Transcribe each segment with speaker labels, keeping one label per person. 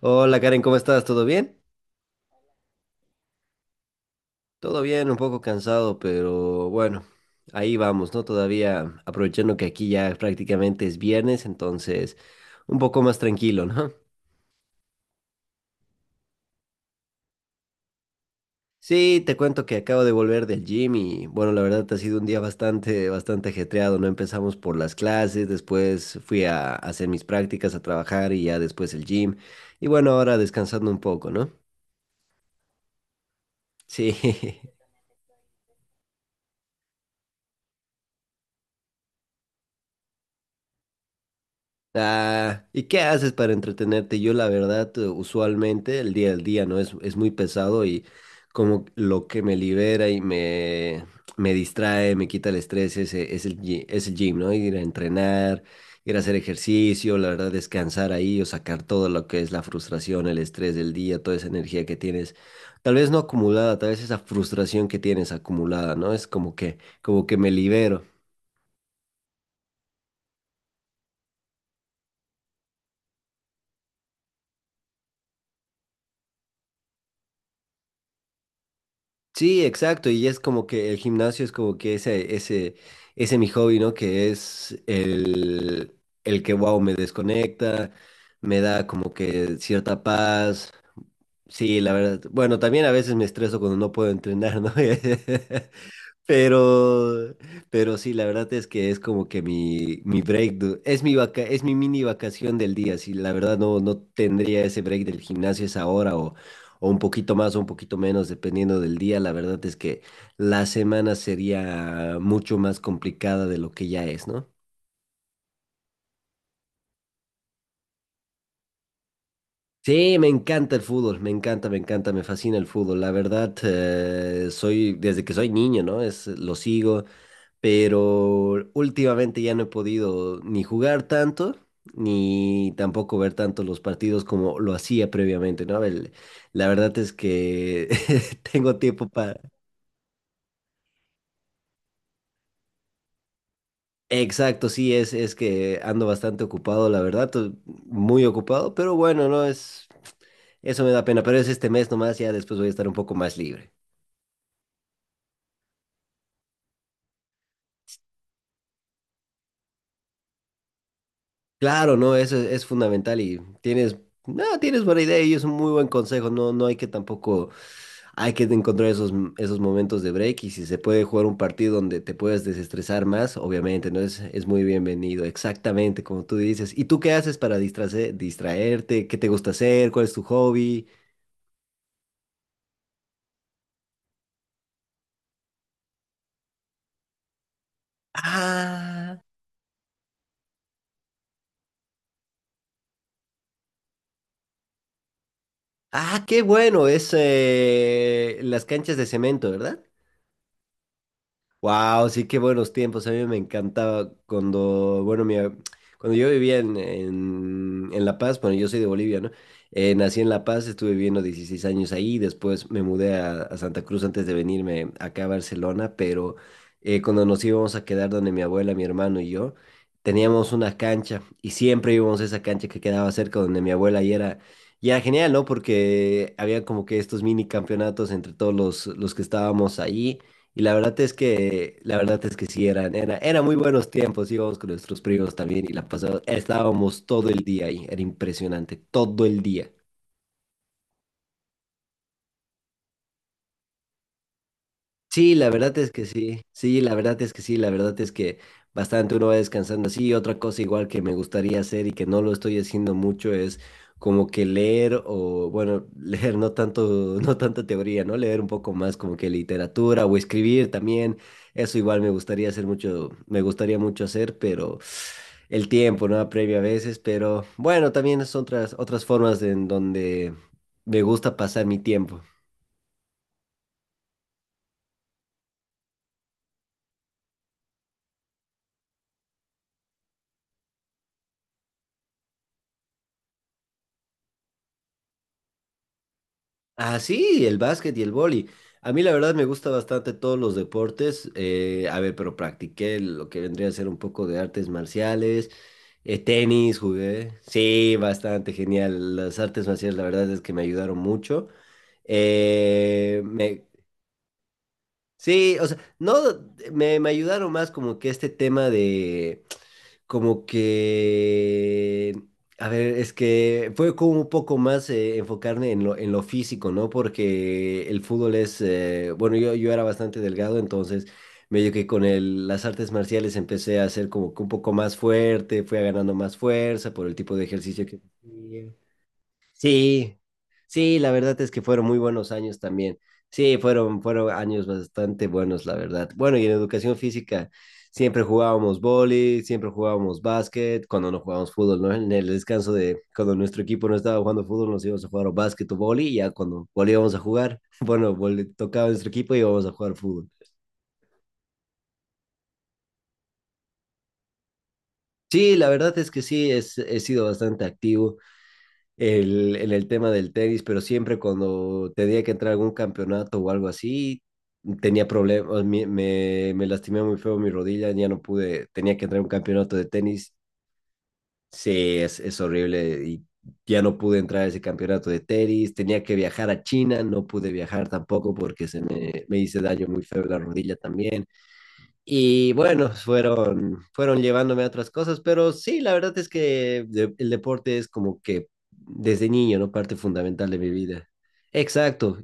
Speaker 1: Hola Karen, ¿cómo estás? ¿Todo bien? Todo bien, un poco cansado, pero bueno, ahí vamos, ¿no? Todavía aprovechando que aquí ya prácticamente es viernes, entonces un poco más tranquilo, ¿no? Sí, te cuento que acabo de volver del gym y bueno, la verdad ha sido un día bastante, bastante ajetreado, ¿no? Empezamos por las clases, después fui a hacer mis prácticas, a trabajar y ya después el gym. Y bueno, ahora descansando un poco, ¿no? Sí. Ah, ¿y qué haces para entretenerte? Yo la verdad, usualmente el día al día no es muy pesado y como lo que me libera me distrae, me quita el estrés es es el gym, ¿no? Ir a entrenar, ir a hacer ejercicio, la verdad descansar ahí o sacar todo lo que es la frustración, el estrés del día, toda esa energía que tienes, tal vez no acumulada, tal vez esa frustración que tienes acumulada, ¿no? Es como que me libero. Sí, exacto, y es como que el gimnasio es como que ese mi hobby, ¿no? Que es el que, wow, me desconecta, me da como que cierta paz. Sí, la verdad. Bueno, también a veces me estreso cuando no puedo entrenar, ¿no? Pero, pero sí, la verdad es que es como que mi break, es mi vaca, es mi mini vacación del día. Si la verdad no tendría ese break del gimnasio esa hora o un poquito más o un poquito menos, dependiendo del día. La verdad es que la semana sería mucho más complicada de lo que ya es, ¿no? Sí, me encanta el fútbol, me encanta, me encanta, me fascina el fútbol. La verdad, soy, desde que soy niño, ¿no? Es, lo sigo. Pero últimamente ya no he podido ni jugar tanto, ni tampoco ver tanto los partidos como lo hacía previamente, ¿no? La verdad es que tengo tiempo para... Exacto, sí, es que ando bastante ocupado, la verdad, muy ocupado, pero bueno, no es... Eso me da pena, pero es este mes nomás, ya después voy a estar un poco más libre. Claro, no, eso es fundamental y tienes, no, tienes buena idea y es un muy buen consejo, no, no hay que tampoco, hay que encontrar esos momentos de break y si se puede jugar un partido donde te puedas desestresar más, obviamente, ¿no? Es muy bienvenido, exactamente como tú dices. ¿Y tú qué haces para distraerte? ¿Qué te gusta hacer? ¿Cuál es tu hobby? Ah, ah, qué bueno, es las canchas de cemento, ¿verdad? Wow, sí, qué buenos tiempos. A mí me encantaba cuando, bueno, cuando yo vivía en La Paz, bueno, yo soy de Bolivia, ¿no? Nací en La Paz, estuve viviendo 16 años ahí, después me mudé a Santa Cruz antes de venirme acá a Barcelona, pero cuando nos íbamos a quedar donde mi abuela, mi hermano y yo, teníamos una cancha y siempre íbamos a esa cancha que quedaba cerca donde mi abuela y era... Y era genial, ¿no? Porque había como que estos mini campeonatos entre todos los que estábamos ahí. Y la verdad es que, la verdad es que sí, eran, era, eran muy buenos tiempos, íbamos con nuestros primos también y la pasada, estábamos todo el día ahí, era impresionante, todo el día. Sí, la verdad es que sí, sí, la verdad es que sí, la verdad es que bastante uno va descansando así. Otra cosa igual que me gustaría hacer y que no lo estoy haciendo mucho es como que leer o, bueno, leer no tanto, no tanta teoría, ¿no? Leer un poco más como que literatura o escribir también. Eso igual me gustaría hacer mucho, me gustaría mucho hacer, pero el tiempo, ¿no? Apremia a veces, pero bueno, también son otras formas en donde me gusta pasar mi tiempo. Ah, sí, el básquet y el vóley. A mí la verdad me gusta bastante todos los deportes. A ver, pero practiqué lo que vendría a ser un poco de artes marciales, tenis jugué. Sí, bastante genial. Las artes marciales la verdad es que me ayudaron mucho. Eh, me, sí, o sea, no, me ayudaron más como que este tema de como que, a ver, es que fue como un poco más enfocarme en lo físico, ¿no? Porque el fútbol es, bueno, yo era bastante delgado, entonces medio que con las artes marciales empecé a ser como que un poco más fuerte, fui ganando más fuerza por el tipo de ejercicio que hacía. Sí, sí, la verdad es que fueron muy buenos años también. Sí, fueron, fueron años bastante buenos, la verdad. Bueno, y en educación física siempre jugábamos vóley, siempre jugábamos básquet, cuando no jugábamos fútbol, ¿no? En el descanso de cuando nuestro equipo no estaba jugando fútbol, nos íbamos a jugar o básquet o vóley, y ya cuando volvíamos a jugar, bueno, tocaba nuestro equipo y íbamos a jugar fútbol. Sí, la verdad es que sí, es, he sido bastante activo. En el tema del tenis, pero siempre cuando tenía que entrar a algún campeonato o algo así, tenía problemas, me lastimé muy feo mi rodilla, ya no pude, tenía que entrar a un campeonato de tenis, sí, es horrible y ya no pude entrar a ese campeonato de tenis, tenía que viajar a China, no pude viajar tampoco porque me hice daño muy feo en la rodilla también. Y bueno, fueron, fueron llevándome a otras cosas, pero sí, la verdad es que el deporte es como que desde niño, ¿no? Parte fundamental de mi vida. Exacto.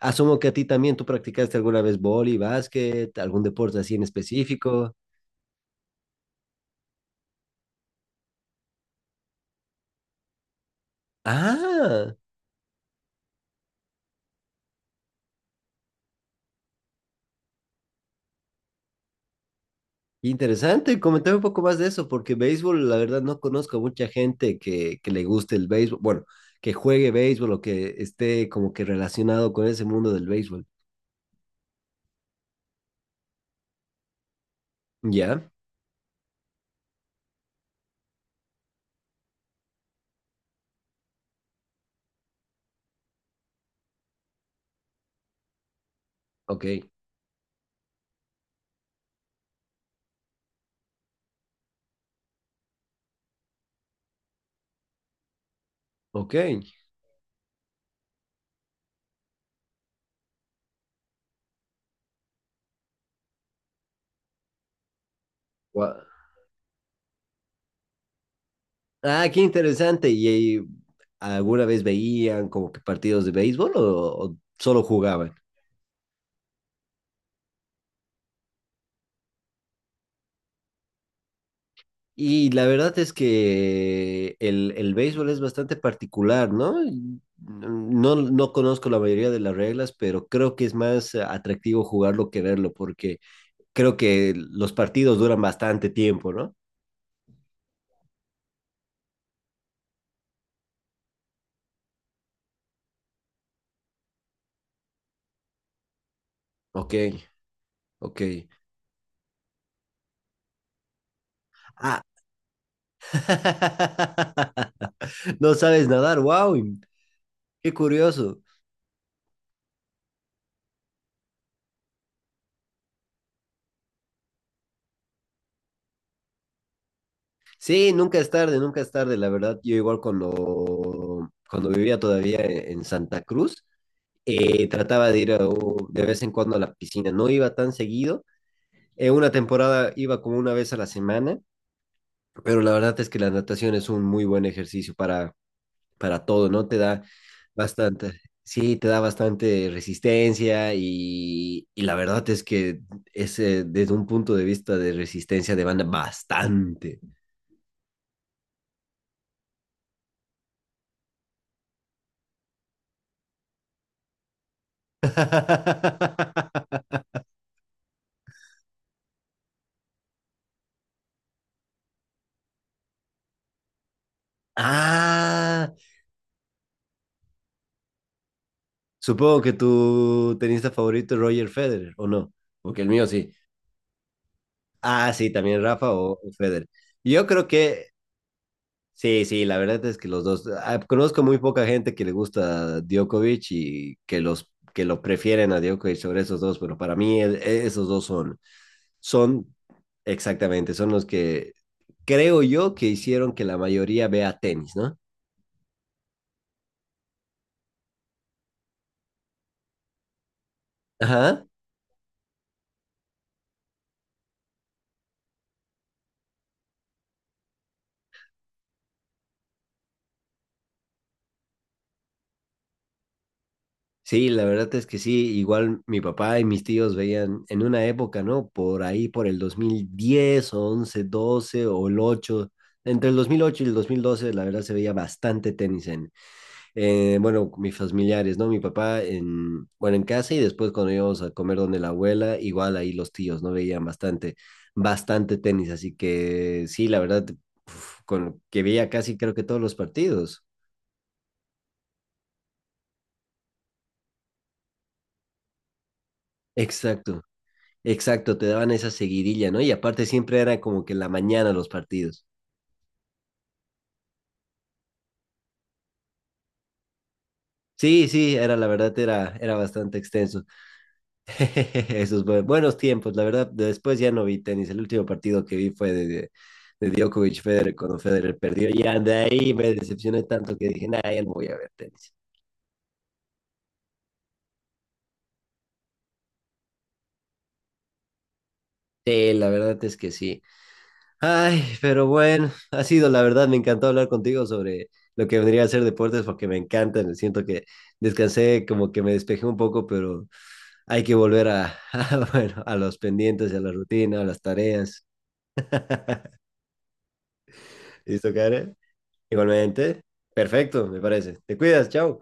Speaker 1: Asumo que a ti también tú practicaste alguna vez vóley, básquet, algún deporte así en específico. Ah, interesante. Comentame un poco más de eso, porque béisbol, la verdad, no conozco a mucha gente que le guste el béisbol, bueno, que juegue béisbol o que esté como que relacionado con ese mundo del béisbol. ¿Ya? Ok, ok. Gua- Ah, qué interesante. ¿Y alguna vez veían como que partidos de béisbol o solo jugaban? Y la verdad es que el béisbol es bastante particular, ¿no? Y no, no conozco la mayoría de las reglas, pero creo que es más atractivo jugarlo que verlo, porque creo que los partidos duran bastante tiempo, ¿no? Ok, ok. Ah. No sabes nadar, wow, qué curioso. Sí, nunca es tarde, nunca es tarde, la verdad. Yo igual cuando, cuando vivía todavía en Santa Cruz, trataba de ir a de vez en cuando a la piscina. No iba tan seguido. En una temporada iba como una vez a la semana, pero la verdad es que la natación es un muy buen ejercicio para todo, ¿no? Te da bastante, sí, te da bastante resistencia y la verdad es que es desde un punto de vista de resistencia de banda bastante. Ah, supongo que tu tenista favorito es Roger Federer, ¿o no? Porque el mío sí. Ah, sí, también Rafa o Federer. Yo creo que sí, sí, la verdad es que los dos. Ah, conozco muy poca gente que le gusta Djokovic y que los que lo prefieren a Djokovic sobre esos dos, pero para mí esos dos son, son exactamente, son los que creo yo que hicieron que la mayoría vea tenis, ¿no? Ajá. Sí, la verdad es que sí, igual mi papá y mis tíos veían en una época, ¿no? Por ahí, por el 2010 o 2011, 2012 o el 8 entre el 2008 y el 2012 la verdad se veía bastante tenis en, bueno, mis familiares, ¿no? Mi papá en, bueno, en casa y después cuando íbamos a comer donde la abuela, igual ahí los tíos, ¿no? Veían bastante, bastante tenis, así que sí, la verdad, uf, con, que veía casi creo que todos los partidos. Exacto. Exacto, te daban esa seguidilla, ¿no? Y aparte siempre era como que en la mañana los partidos. Sí, sí, era la verdad, era, era bastante extenso. Esos buenos tiempos, la verdad, después ya no vi tenis. El último partido que vi fue de Djokovic Federer cuando Federer perdió. Y de ahí me decepcioné tanto que dije, nah, ya no voy a ver tenis. Sí, la verdad es que sí. Ay, pero bueno, ha sido la verdad, me encantó hablar contigo sobre lo que vendría a ser deportes porque me encantan. Siento que descansé, como que me despejé un poco, pero hay que volver a, a, bueno, a los pendientes, a la rutina, a las tareas. ¿Listo, Karen? Igualmente. Perfecto, me parece. Te cuidas, chao.